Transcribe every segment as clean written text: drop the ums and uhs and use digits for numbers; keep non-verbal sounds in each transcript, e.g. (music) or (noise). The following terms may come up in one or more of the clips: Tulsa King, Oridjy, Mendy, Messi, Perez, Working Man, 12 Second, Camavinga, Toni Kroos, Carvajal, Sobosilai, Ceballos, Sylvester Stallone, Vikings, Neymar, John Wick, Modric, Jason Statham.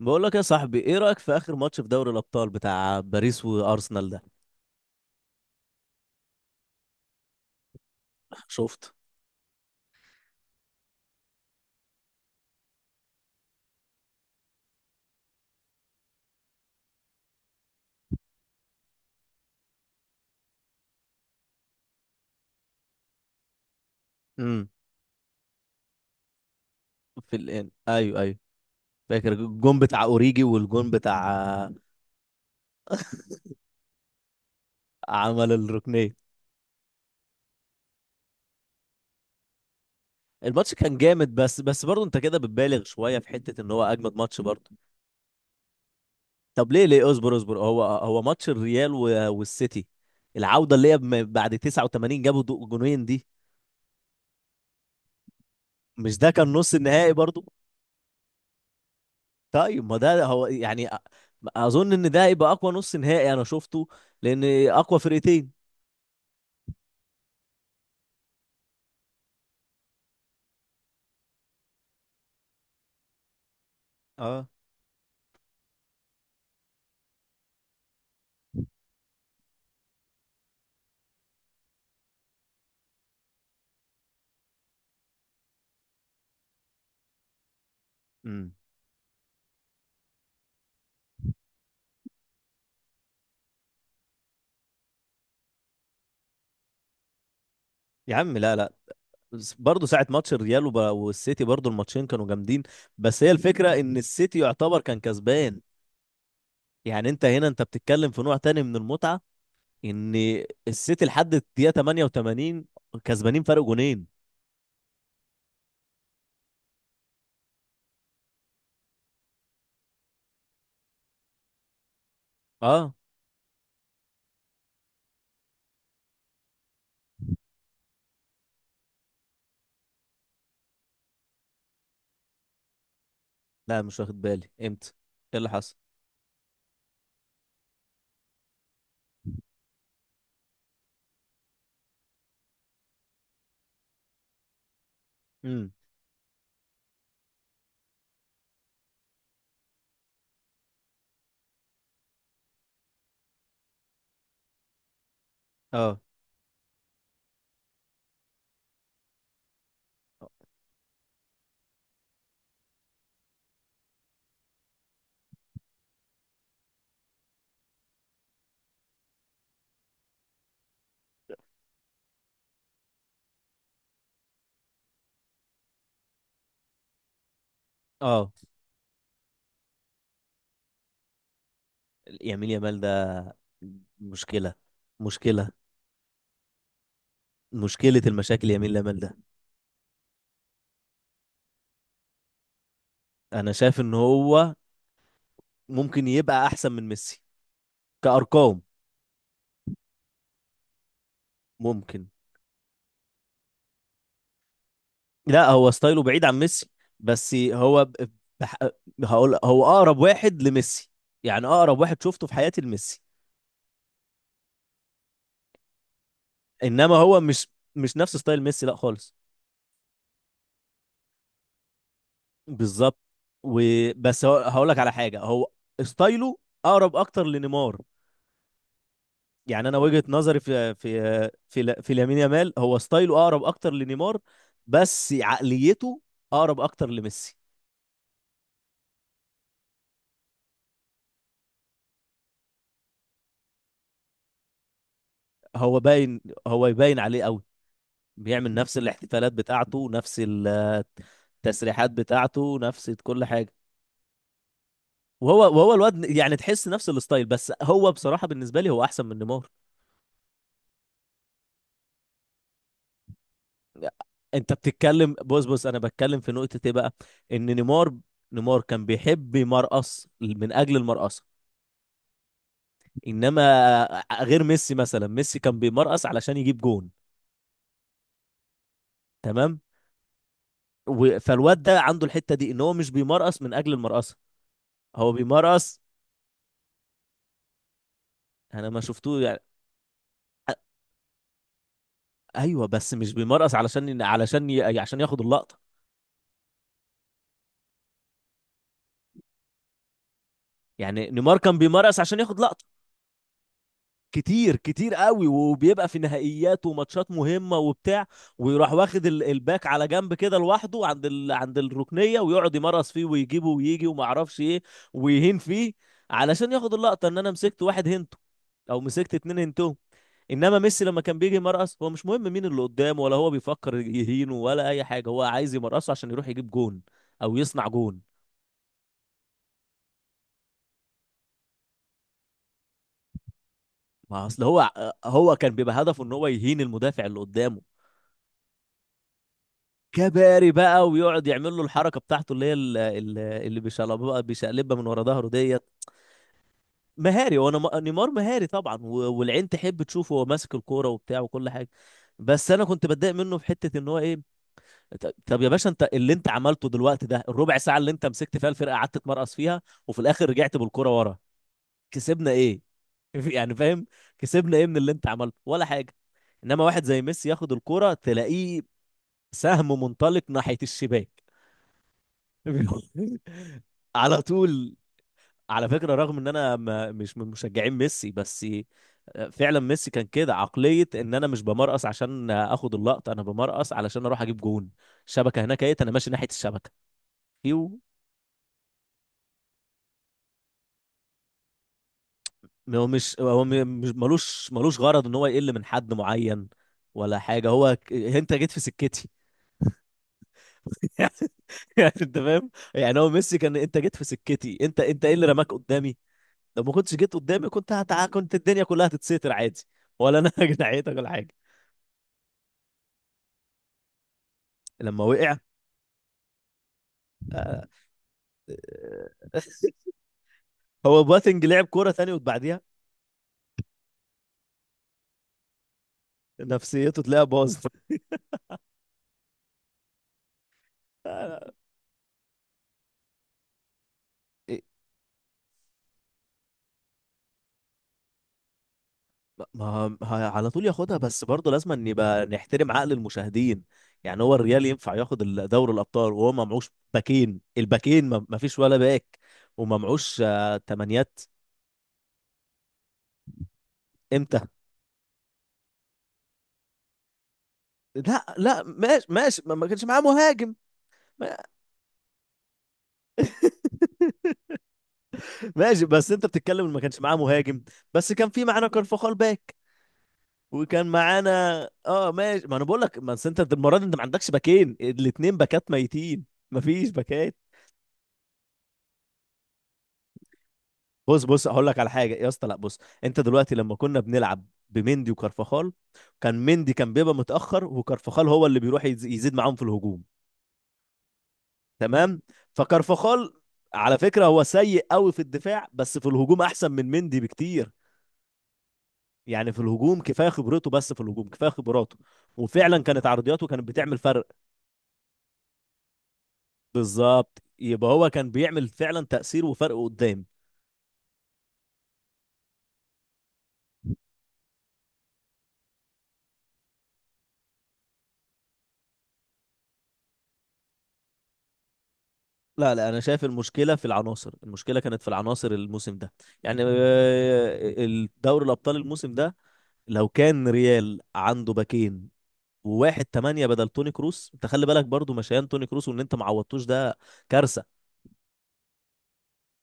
بقول لك يا صاحبي، ايه رأيك في اخر ماتش في دوري الابطال بتاع باريس وارسنال ده؟ شفت. امم في الان، ايوه ايوه. فاكر الجون بتاع اوريجي والجون بتاع (laughs) عمل الركنية. الماتش كان جامد، بس برضه انت كده بتبالغ شوية في حتة ان هو اجمد ماتش برضه. طب ليه؟ ليه؟ اصبر، هو ماتش الريال والسيتي، العودة اللي هي بعد 89 جابوا جونين دي. مش ده كان نص النهائي برضو؟ طيب ما ده هو يعني اظن ان ده هيبقى اقوى نص نهائي انا شفته، لان اقوى فرقتين. اه. امم يا عم لا لا، بس برضه ساعة ماتش الريال والسيتي برضه الماتشين كانوا جامدين. بس هي الفكرة ان السيتي يعتبر كان كسبان، يعني انت هنا انت بتتكلم في نوع تاني من المتعة، ان السيتي لحد الدقيقه 88 كسبانين فرق جونين. اه. لا مش واخد بالي امتى. ايه اللي حصل؟ امم اه اه، يمين يامال ده مشكله. مشكله. مشكله المشاكل يمين يامال ده. انا شايف ان هو ممكن يبقى احسن من ميسي كارقام. ممكن. لا، هو ستايله بعيد عن ميسي، بس بح... هقول هو اقرب واحد لميسي، يعني اقرب واحد شفته في حياتي لميسي. انما هو مش نفس ستايل ميسي لا خالص. بالظبط. وبس هقولك على حاجه، هو ستايله اقرب اكتر لنيمار. يعني انا وجهه نظري في لامين يامال، هو ستايله اقرب اكتر لنيمار، بس عقليته اقرب اكتر لميسي. هو باين، هو يبين عليه قوي. بيعمل نفس الاحتفالات بتاعته، نفس التسريحات بتاعته، نفس كل حاجه. وهو الواد يعني تحس نفس الستايل، بس هو بصراحه بالنسبه لي هو احسن من نيمار. انت بتتكلم؟ بص بص، انا بتكلم في نقطة ايه بقى؟ ان نيمار كان بيحب يمرقص من اجل المرقصة، انما غير ميسي مثلا، ميسي كان بيمرقص علشان يجيب جون. تمام. فالواد ده عنده الحتة دي ان هو مش بيمرقص من اجل المرقصة، هو بيمرقص. انا ما شفتوه يعني. أ- ايوه، بس مش بيمرقص علشان عشان ياخد اللقطة. يعني نيمار كان بيمرقص عشان ياخد لقطة كتير، كتير قوي، وبيبقى في نهائيات وماتشات مهمة وبتاع، ويروح واخد الباك على جنب كده لوحده، عند عند الركنية، ويقعد يمرس فيه ويجيبه ويجي وما اعرفش ايه، ويهين فيه، علشان ياخد اللقطة ان انا مسكت واحد هنتو او مسكت اتنين هنتو. انما ميسي لما كان بيجي يمرقص، هو مش مهم مين اللي قدامه، ولا هو بيفكر يهينه ولا اي حاجة، هو عايز يمرقصه عشان يروح يجيب جون او يصنع جون. ما اصل هو، هو كان بيبقى هدفه ان هو يهين المدافع اللي قدامه. كباري بقى، ويقعد يعمل له الحركه بتاعته، اللي هي اللي بيشقلبها، بيشقلبها من ورا ظهره ديت. مهاري، وانا نيمار مهاري طبعا، والعين تحب تشوفه وهو ماسك الكوره وبتاع وكل حاجه. بس انا كنت بتضايق منه في حته ان هو ايه، طب يا باشا، انت اللي انت عملته دلوقتي ده، الربع ساعه اللي انت مسكت فيها الفرقه قعدت تمرقص فيها، وفي الاخر رجعت بالكوره ورا، كسبنا ايه؟ (laughs) يعني فاهم، كسبنا ايه من اللي انت عملته؟ ولا حاجه. انما واحد زي ميسي ياخد الكوره تلاقيه سهم منطلق ناحيه الشباك. (laughs) على طول. على فكرة، رغم ان انا ما مش من مشجعين ميسي، بس فعلا ميسي كان كده، عقلية ان انا مش بمرقص عشان اخد اللقطة، انا بمرقص علشان اروح اجيب جون. الشبكة هناك، ايه انا ماشي ناحية الشبكة. يو. هو مش هو م- مش ملوش، ملوش غرض ان هو يقل من حد معين ولا حاجة. هو انت جيت في سكتي. (laughs) يعني انت فاهم، يعني هو ميسي كان، انت جيت في سكتي، انت ايه اللي رماك قدامي؟ لو ما كنتش جيت قدامي كنت كنت الدنيا كلها هتتستر عادي، ولا انا (laughs) جنحيتك ولا حاجه. لما وقع. آه، آه، (laughs) هو بواتنج لعب كوره تاني وبعديها نفسيته تلاقيها باظت. (laughs) آه، إيه، ما ما- ه- على طول ياخدها، بس برضه لازم ان يبقى نحترم عقل المشاهدين. يعني هو الريال ينفع ياخد دوري الابطال وهو ما معوش باكين؟ الباكين ما فيش ولا باك، وما معوش تمانيات. امتى؟ لا لا، ماشي ماشي، ما كانش معاه مهاجم. ماشي، بس انت بتتكلم ان ما كانش معاه مهاجم، بس كان في معانا كارفاخال باك، وكان معانا. اه ماشي، ما انا بقول لك، ما أصل انت المره دي انت ما عندكش باكين، الاتنين باكات ميتين، ما فيش باكات. بص بص، هقول لك على حاجه يا اسطى، لا بص، انت دلوقتي لما كنا بنلعب بمندي وكارفاخال، كان مندي كان بيبقى متاخر، وكارفاخال هو اللي بيروح يزيد معاهم في الهجوم. تمام. فكارفاخال على فكره هو سيء قوي في الدفاع، بس في الهجوم احسن من مندي بكتير. يعني في الهجوم كفايه خبرته، بس في الهجوم كفايه خبراته، وفعلا كانت عرضياته كانت بتعمل فرق. بالظبط، يبقى هو كان بيعمل فعلا تأثير وفرق قدام. لا لا، انا شايف المشكله في العناصر، المشكله كانت في العناصر الموسم ده. يعني الدوري الابطال الموسم ده، لو كان ريال عنده باكين، وواحد تمانية بدل توني كروس. انت خلي بالك برضو، مشيان توني كروس، وان انت ما عوضتوش ده كارثة.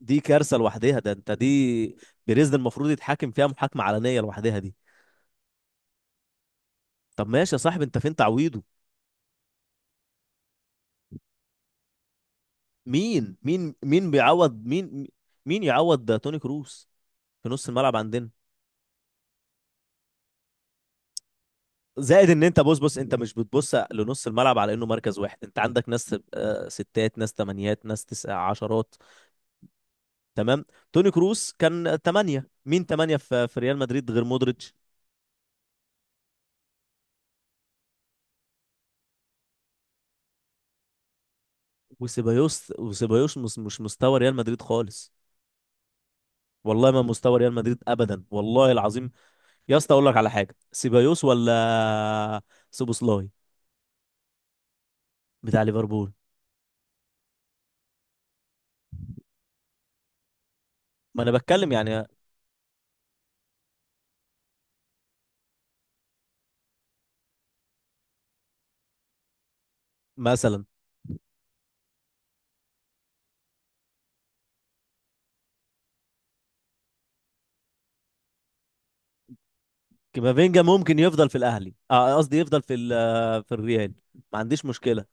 دي كارثة لوحدها ده. انت دي، بيريز ده المفروض يتحاكم فيها محاكمة علنية لوحدها دي. طب ماشي يا صاحبي، انت فين تعويضه؟ مين بيعوض مين؟ مين يعوض ده؟ توني كروس في نص الملعب عندنا؟ زائد ان انت، بص بص، انت مش بتبص لنص الملعب على انه مركز واحد، انت عندك ناس ستات، ناس تمانيات، ناس تسع عشرات. تمام. توني كروس كان تمانية، مين تمانية في في ريال مدريد غير مودريتش وسيبايوس؟ وسيبايوس مش مستوى ريال مدريد خالص، والله ما مستوى ريال مدريد ابدا، والله العظيم. يا اسطى اقول لك على حاجه، سيبايوس ولا سوبوسلاي بتاع ليفربول؟ ما انا بتكلم يعني، مثلا كامافينجا ممكن يفضل في الاهلي، قصدي يفضل في في الريال، ما عنديش مشكله.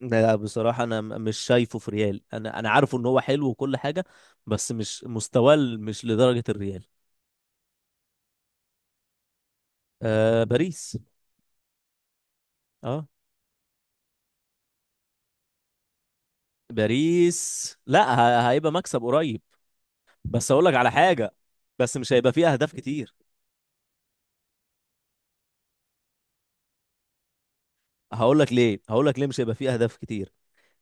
لا بصراحه انا مش شايفه في ريال، انا انا عارفه ان هو حلو وكل حاجه، بس مش مستواه مش لدرجه الريال. باريس. اه، باريس. لا هيبقى مكسب قريب، بس اقول لك على حاجه، بس مش هيبقى فيه اهداف كتير. هقول لك ليه، هقول لك ليه مش هيبقى فيه اهداف كتير.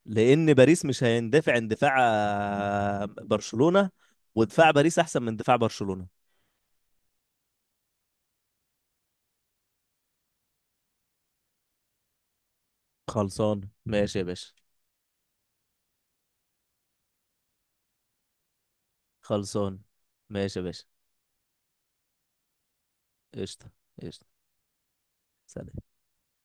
لان باريس مش هيندفع اندفاع برشلونة، ودفاع باريس احسن من دفاع برشلونة. خلصان ماشي يا باشا. خلصان ماشي يا باشا. قشطة. قشطة. سلام.